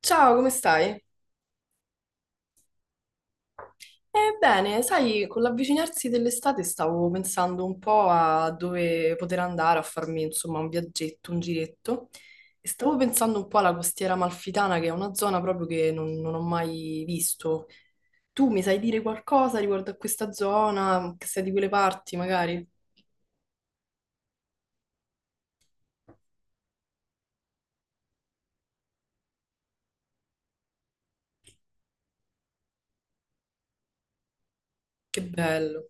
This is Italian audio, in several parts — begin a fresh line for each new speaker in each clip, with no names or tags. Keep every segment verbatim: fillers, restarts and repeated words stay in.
Ciao, come stai? Eh, bene, sai, con l'avvicinarsi dell'estate stavo pensando un po' a dove poter andare a farmi, insomma, un viaggetto, un giretto e stavo pensando un po' alla costiera amalfitana, che è una zona proprio che non, non ho mai visto. Tu mi sai dire qualcosa riguardo a questa zona, che sei di quelle parti, magari? Che bello.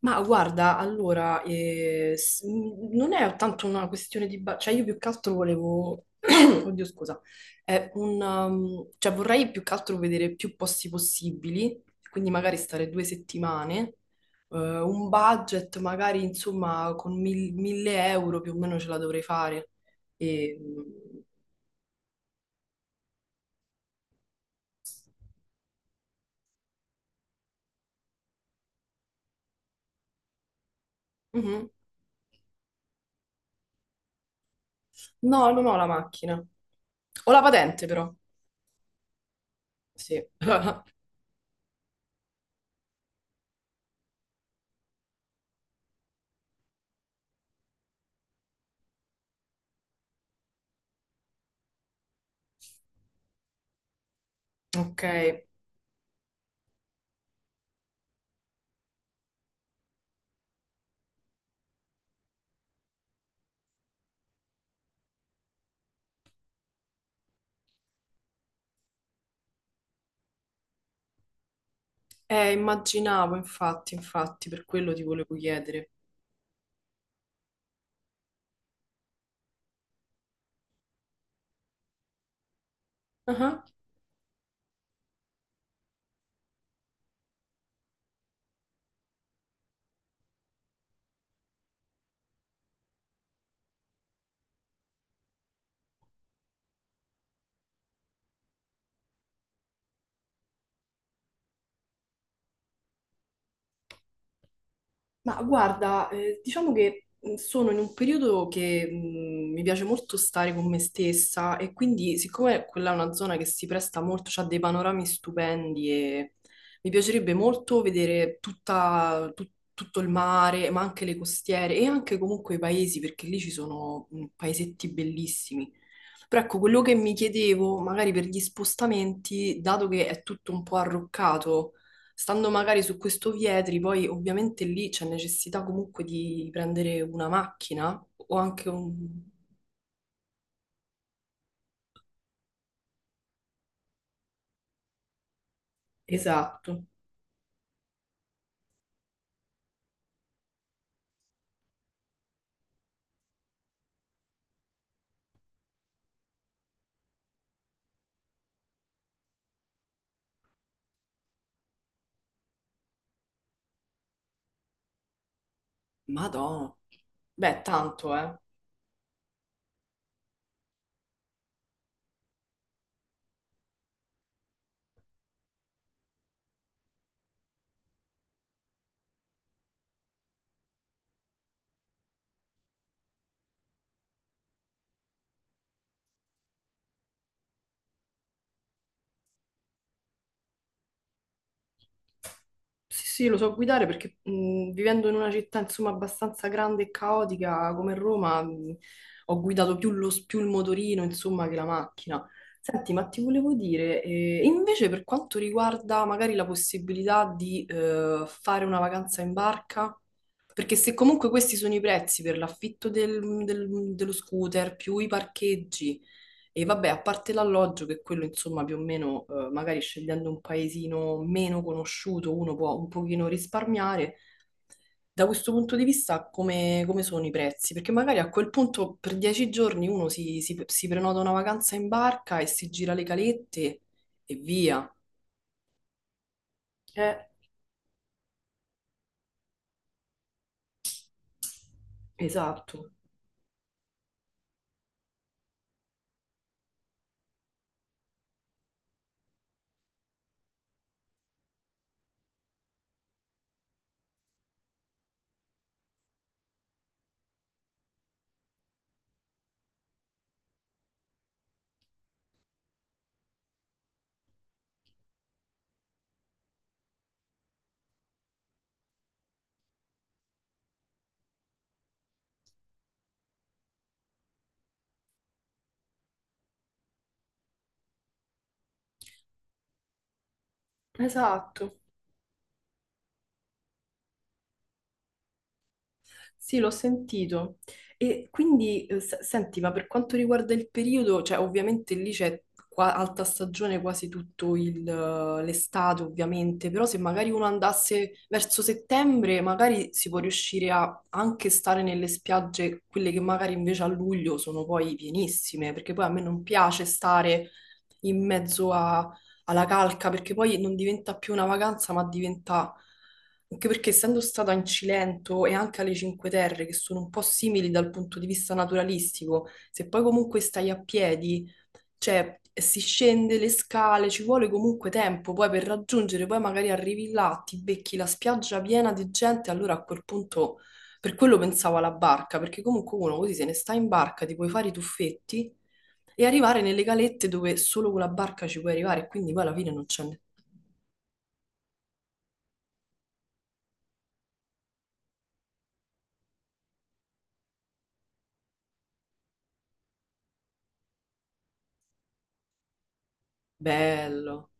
Ma guarda, allora, eh, s- m- non è tanto una questione di ba- cioè, io più che altro volevo. Oddio, scusa. È un, um, cioè, vorrei più che altro vedere più posti possibili, quindi magari stare due settimane, eh, un budget magari insomma con mil- mille euro più o meno ce la dovrei fare. E... Mhm. No, non ho la macchina. Ho la patente però. Sì. Ok. Eh, immaginavo, infatti, infatti, per quello ti volevo chiedere. Ah. Ma guarda, eh, diciamo che mh, sono in un periodo che mh, mi piace molto stare con me stessa e quindi siccome quella è una zona che si presta molto, ha dei panorami stupendi e mi piacerebbe molto vedere tutta- tut- tutto il mare, ma anche le costiere e anche comunque i paesi, perché lì ci sono mh, paesetti bellissimi. Però ecco, quello che mi chiedevo, magari per gli spostamenti, dato che è tutto un po' arroccato, stando magari su questo Vietri, poi ovviamente lì c'è necessità comunque di prendere una macchina o anche un... Esatto. Madonna. Beh, tanto, eh. Sì, sì, lo so guidare perché mh, vivendo in una città insomma abbastanza grande e caotica come Roma, mh, ho guidato più, lo- s- più il motorino insomma che la macchina. Senti, ma ti volevo dire, eh, invece per quanto riguarda magari la possibilità di eh, fare una vacanza in barca, perché se comunque questi sono i prezzi per l'affitto del- del- dello scooter più i parcheggi, e vabbè, a parte l'alloggio, che quello insomma più o meno, eh, magari scegliendo un paesino meno conosciuto, uno può un pochino risparmiare. Da questo punto di vista, come, come sono i prezzi? Perché magari a quel punto per dieci giorni uno si, si- si prenota una vacanza in barca e si gira le calette e via. Eh, esatto, esatto. Sì, l'ho sentito. E quindi, eh, s- senti, ma per quanto riguarda il periodo, cioè ovviamente lì c'è qua- alta stagione quasi tutto il, eh, l'estate, ovviamente, però se magari uno andasse verso settembre, magari si può riuscire a anche stare nelle spiagge, quelle che magari invece a luglio sono poi pienissime, perché poi a me non piace stare in mezzo a alla calca, perché poi non diventa più una vacanza, ma diventa. Anche perché essendo stata in Cilento e anche alle Cinque Terre, che sono un po' simili dal punto di vista naturalistico, se poi comunque stai a piedi. Cioè, si scende le scale, ci vuole comunque tempo poi per raggiungere, poi magari arrivi là, ti becchi la spiaggia piena di gente, allora a quel punto, per quello pensavo alla barca, perché comunque uno così se ne sta in barca, ti puoi fare i tuffetti e arrivare nelle calette dove solo con la barca ci puoi arrivare, quindi poi alla fine non c'è... ne- Bello,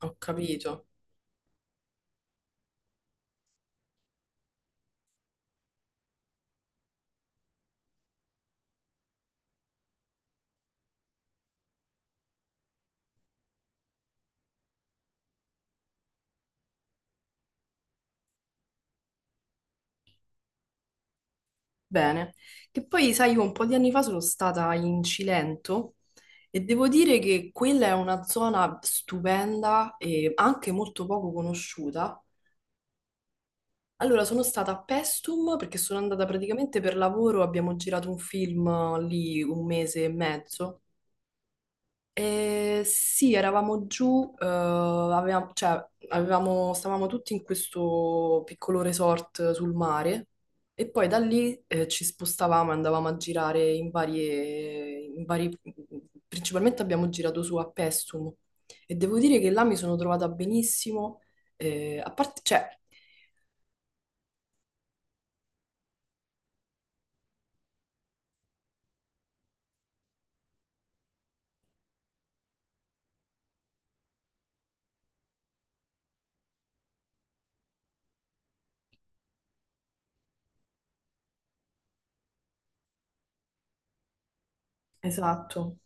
ho capito. Bene, che poi sai, io un po' di anni fa sono stata in Cilento e devo dire che quella è una zona stupenda e anche molto poco conosciuta. Allora, sono stata a Pestum perché sono andata praticamente per lavoro, abbiamo girato un film lì un mese e mezzo. Eh, sì, eravamo giù, eh, avevamo, cioè, avevamo- stavamo tutti in questo piccolo resort sul mare e poi da lì eh, ci spostavamo e andavamo a girare in varie, in vari- principalmente abbiamo girato su a Pestum e devo dire che là mi sono trovata benissimo. Eh, a parte, cioè, esatto.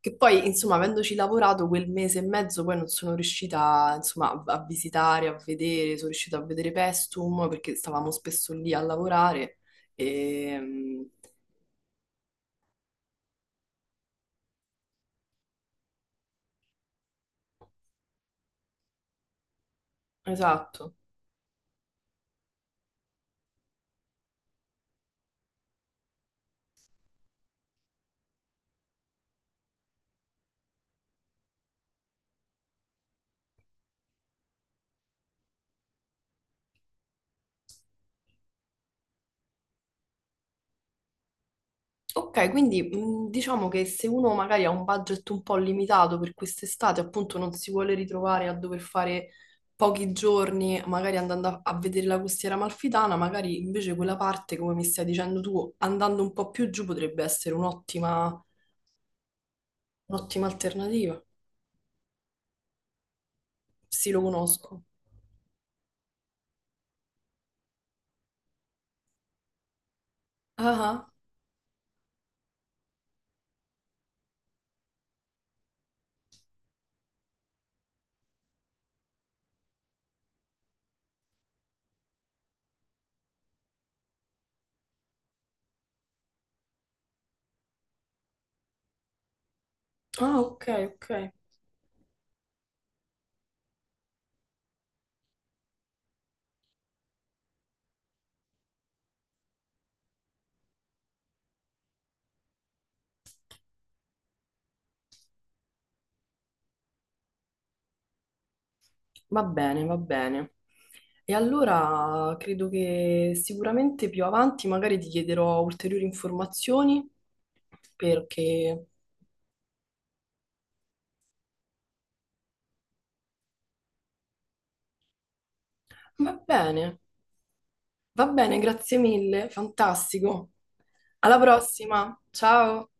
Che poi, insomma, avendoci lavorato quel mese e mezzo, poi non sono riuscita, insomma, a a visitare, a vedere, sono riuscita a vedere Pestum perché stavamo spesso lì a lavorare. Ehm, esatto. Ok, quindi mh, diciamo che se uno magari ha un budget un po' limitato per quest'estate, appunto non si vuole ritrovare a dover fare pochi giorni, magari andando a, a vedere la costiera amalfitana, magari invece quella parte, come mi stai dicendo tu, andando un po' più giù potrebbe essere un'ottima un'ottima alternativa. Sì, lo conosco. Ah, ah. Ah, ok, ok. Va bene, va bene. E allora credo che sicuramente più avanti magari ti chiederò ulteriori informazioni. Perché Va bene, va bene, grazie mille, fantastico. Alla prossima, ciao.